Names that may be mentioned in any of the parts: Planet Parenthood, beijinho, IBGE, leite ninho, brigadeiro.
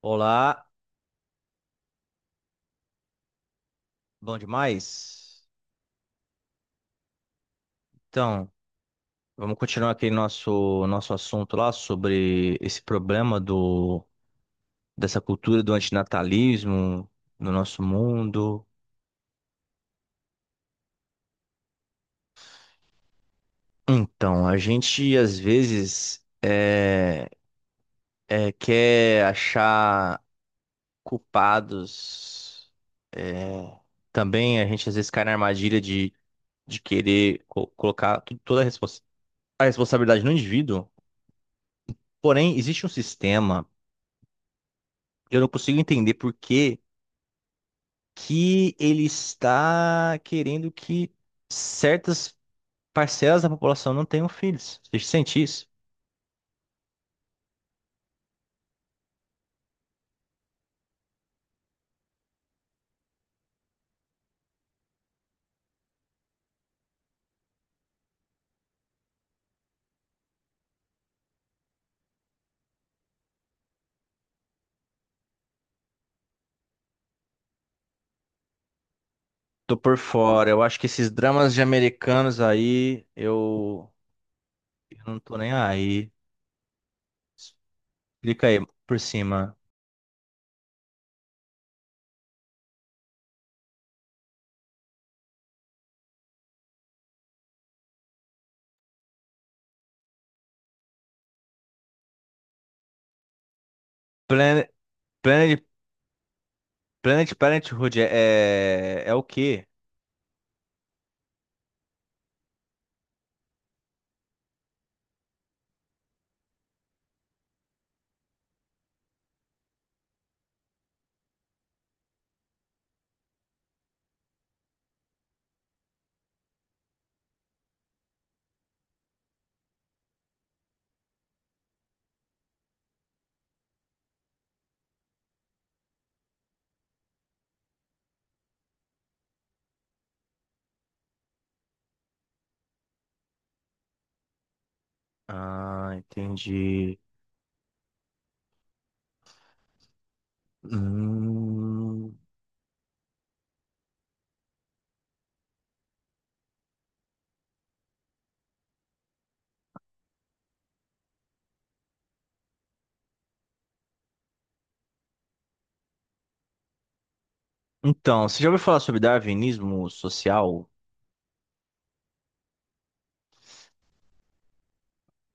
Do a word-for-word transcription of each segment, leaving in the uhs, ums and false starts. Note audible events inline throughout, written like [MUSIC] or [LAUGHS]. Olá, bom demais? Então, vamos continuar aqui nosso, nosso assunto lá sobre esse problema do, dessa cultura do antinatalismo no nosso mundo. Então, a gente às vezes é, é, quer achar culpados. é, Também a gente às vezes cai na armadilha de, de querer co- colocar tu- toda a, respons- a responsabilidade no indivíduo. Porém, existe um sistema, eu não consigo entender por que. que ele está querendo que certas parcelas da população não tenham filhos. Você sente isso? Tô por fora. Eu acho que esses dramas de americanos aí, eu, eu não tô nem aí. Clica aí por cima. Planet, Planet, Planet Parenthood é, é, é o quê? Ah, entendi. Hum. Então, você já ouviu falar sobre darwinismo social?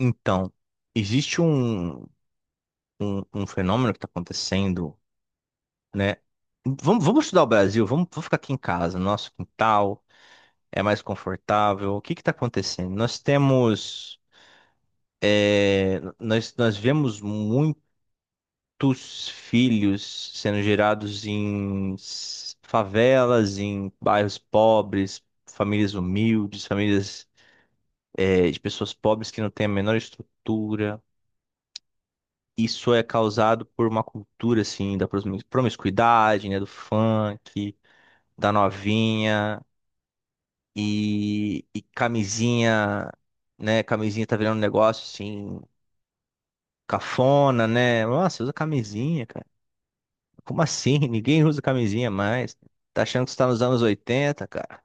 Então, existe um, um, um fenômeno que está acontecendo, né? Vamos, vamos estudar o Brasil, vamos, vamos ficar aqui em casa, nosso quintal é mais confortável. O que está acontecendo? Nós temos, é, nós, nós vemos muitos filhos sendo gerados em s- favelas, em bairros pobres, famílias humildes, famílias, é, de pessoas pobres que não têm a menor estrutura. Isso é causado por uma cultura assim da promis- promiscuidade, né, do funk da novinha e, e camisinha, né? Camisinha tá virando um negócio assim, cafona, né? Nossa, usa camisinha, cara. Como assim? [LAUGHS] Ninguém usa camisinha mais. Tá achando que você tá nos anos oitenta, cara?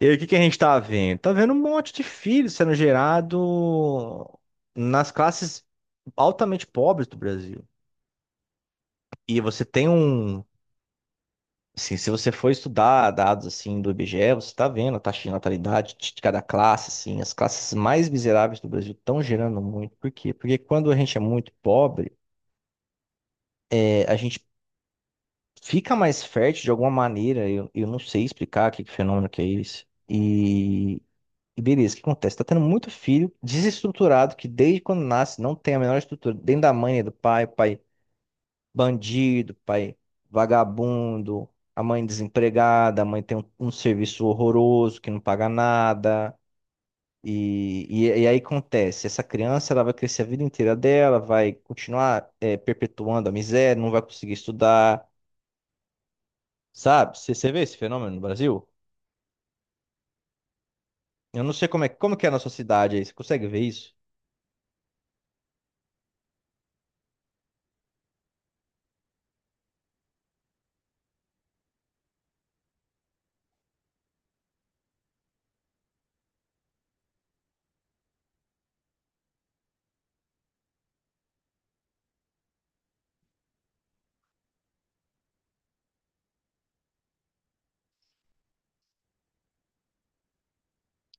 E aí, o que que a gente tá vendo? Tá vendo um monte de filhos sendo gerado nas classes altamente pobres do Brasil. E você tem um. Assim, se você for estudar dados assim do I B G E, você está vendo a taxa de natalidade de cada classe, assim, as classes mais miseráveis do Brasil estão gerando muito. Por quê? Porque quando a gente é muito pobre, é, a gente fica mais fértil de alguma maneira. Eu, eu não sei explicar que, que fenômeno que é esse. E, e beleza, o que acontece? Está tendo muito filho desestruturado que desde quando nasce não tem a menor estrutura dentro da mãe, do pai, o pai bandido, pai vagabundo, a mãe desempregada, a mãe tem um, um serviço horroroso que não paga nada. E, e, e aí acontece, essa criança ela vai crescer a vida inteira dela, vai continuar eh, perpetuando a miséria, não vai conseguir estudar, sabe? Você você vê esse fenômeno no Brasil? Eu não sei como é, como que é na sua cidade aí, você consegue ver isso?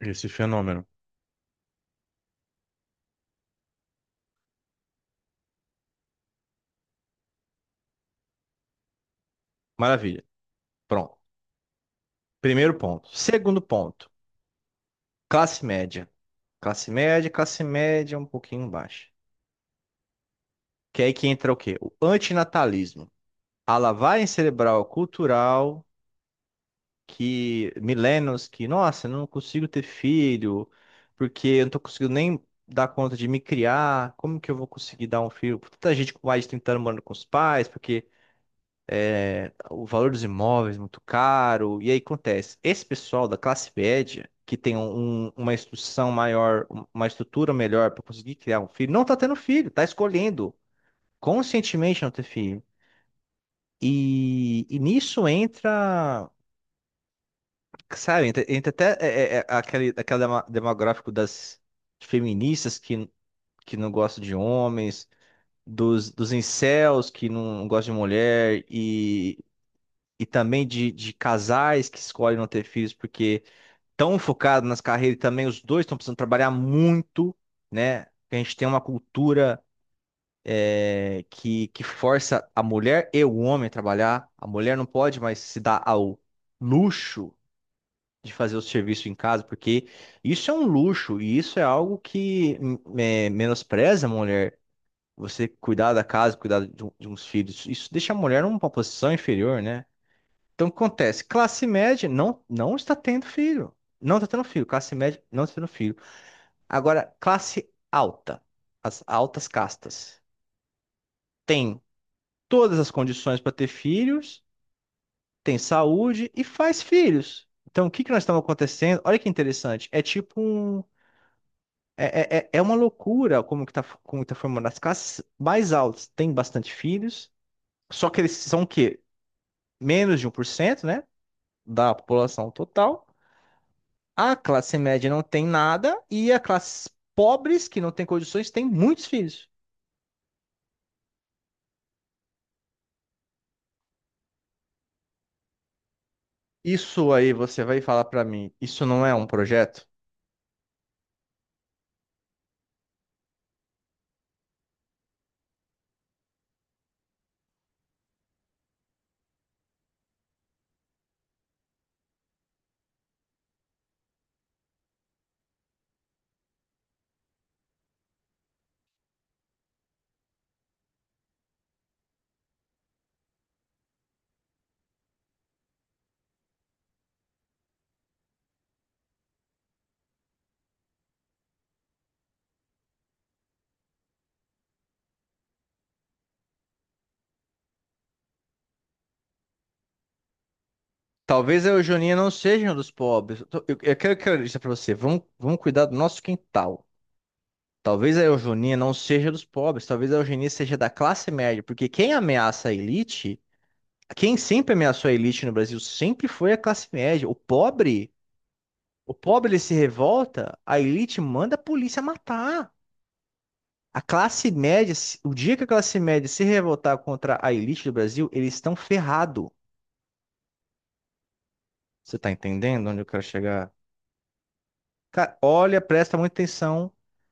Esse fenômeno. Maravilha. Pronto. Primeiro ponto. Segundo ponto, classe média. Classe média, classe média um pouquinho baixa. Que é aí que entra o quê? O antinatalismo. A lavagem cerebral cultural que milênios que, nossa, eu não consigo ter filho, porque eu não tô conseguindo nem dar conta de me criar. Como que eu vou conseguir dar um filho? Tanta gente com mais de trinta anos morando com os pais, porque o valor dos imóveis é muito caro. E aí acontece, esse pessoal da classe média que tem um- um, uma instrução maior, uma estrutura melhor para conseguir criar um filho, não tá tendo filho, tá escolhendo conscientemente não ter filho. E, e nisso entra, sabe, entra, entra até é, é, é, aquele, aquele dema- demográfico das feministas que, que não gostam de homens, dos, dos incels que não gostam de mulher, e, e também de, de casais que escolhem não ter filhos porque estão focados nas carreiras e também os dois estão precisando trabalhar muito, né? A gente tem uma cultura. é, que, que força a mulher e o homem a trabalhar. A mulher não pode mais se dar ao luxo de fazer o serviço em casa, porque isso é um luxo e isso é algo que hum, é, menospreza a mulher. Você cuidar da casa, cuidar de, um- de uns filhos, isso deixa a mulher numa posição inferior, né? Então, o que acontece? Classe média não, não está tendo filho. Não está tendo filho. Classe média não está tendo filho. Agora, classe alta, as altas castas, tem todas as condições para ter filhos, tem saúde e faz filhos. Então, o que que nós estamos acontecendo? Olha que interessante. É tipo um. É, é, é- é uma loucura como que tá, como que tá formando. As classes mais altas têm bastante filhos, só que eles são o quê? Menos de um por cento, né? Da população total. A classe média não tem nada e a classe pobres, que não tem condições, tem muitos filhos. Isso aí você vai falar para mim, isso não é um projeto? Talvez a Eugeninha não seja um dos pobres. Eu, tô- eu, eu quero, quero dizer pra você, vamos, vamos cuidar do nosso quintal. Talvez a Eugeninha não seja dos pobres, talvez a Eugenia seja da classe média, porque quem ameaça a elite, quem sempre ameaçou a elite no Brasil, sempre foi a classe média. O pobre, o pobre ele se revolta, a elite manda a polícia matar. A classe média, se- o dia que a classe média se revoltar contra a elite do Brasil, eles estão ferrados. Você tá entendendo onde eu quero chegar? Cara, olha, presta muita atenção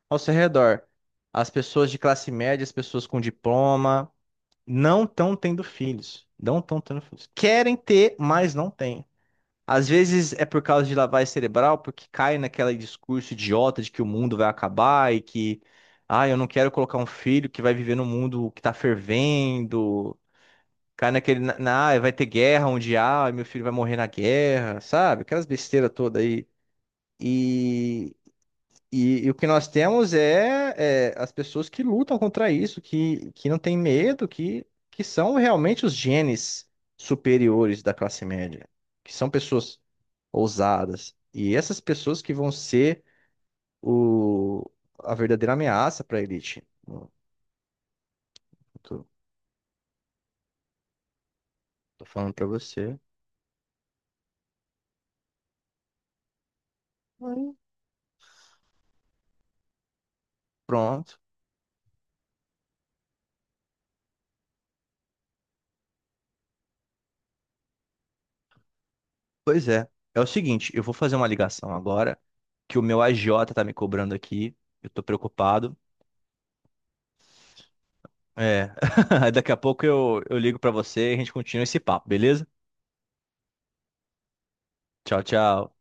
ao seu redor. As pessoas de classe média, as pessoas com diploma, não estão tendo filhos. Não estão tendo filhos. Querem ter, mas não têm. Às vezes é por causa de lavagem cerebral, porque cai naquele discurso idiota de que o mundo vai acabar e que, ah, eu não quero colocar um filho que vai viver num mundo que tá fervendo. Cai naquele, na, na- ah, vai ter guerra um dia, ah, meu filho vai morrer na guerra, sabe? Aquelas besteiras todas aí. E e, e o que nós temos é, é as pessoas que lutam contra isso, que, que não têm medo, que, que são realmente os genes superiores da classe média, que são pessoas ousadas. E essas pessoas que vão ser o, a verdadeira ameaça para a elite. Eu tô, tô falando para você. Aí, pronto. Pois é. É o seguinte, eu vou fazer uma ligação agora, que o meu agiota tá me cobrando aqui, eu tô preocupado. É. [LAUGHS] Daqui a pouco eu, eu ligo pra você e a gente continua esse papo, beleza? Tchau, tchau.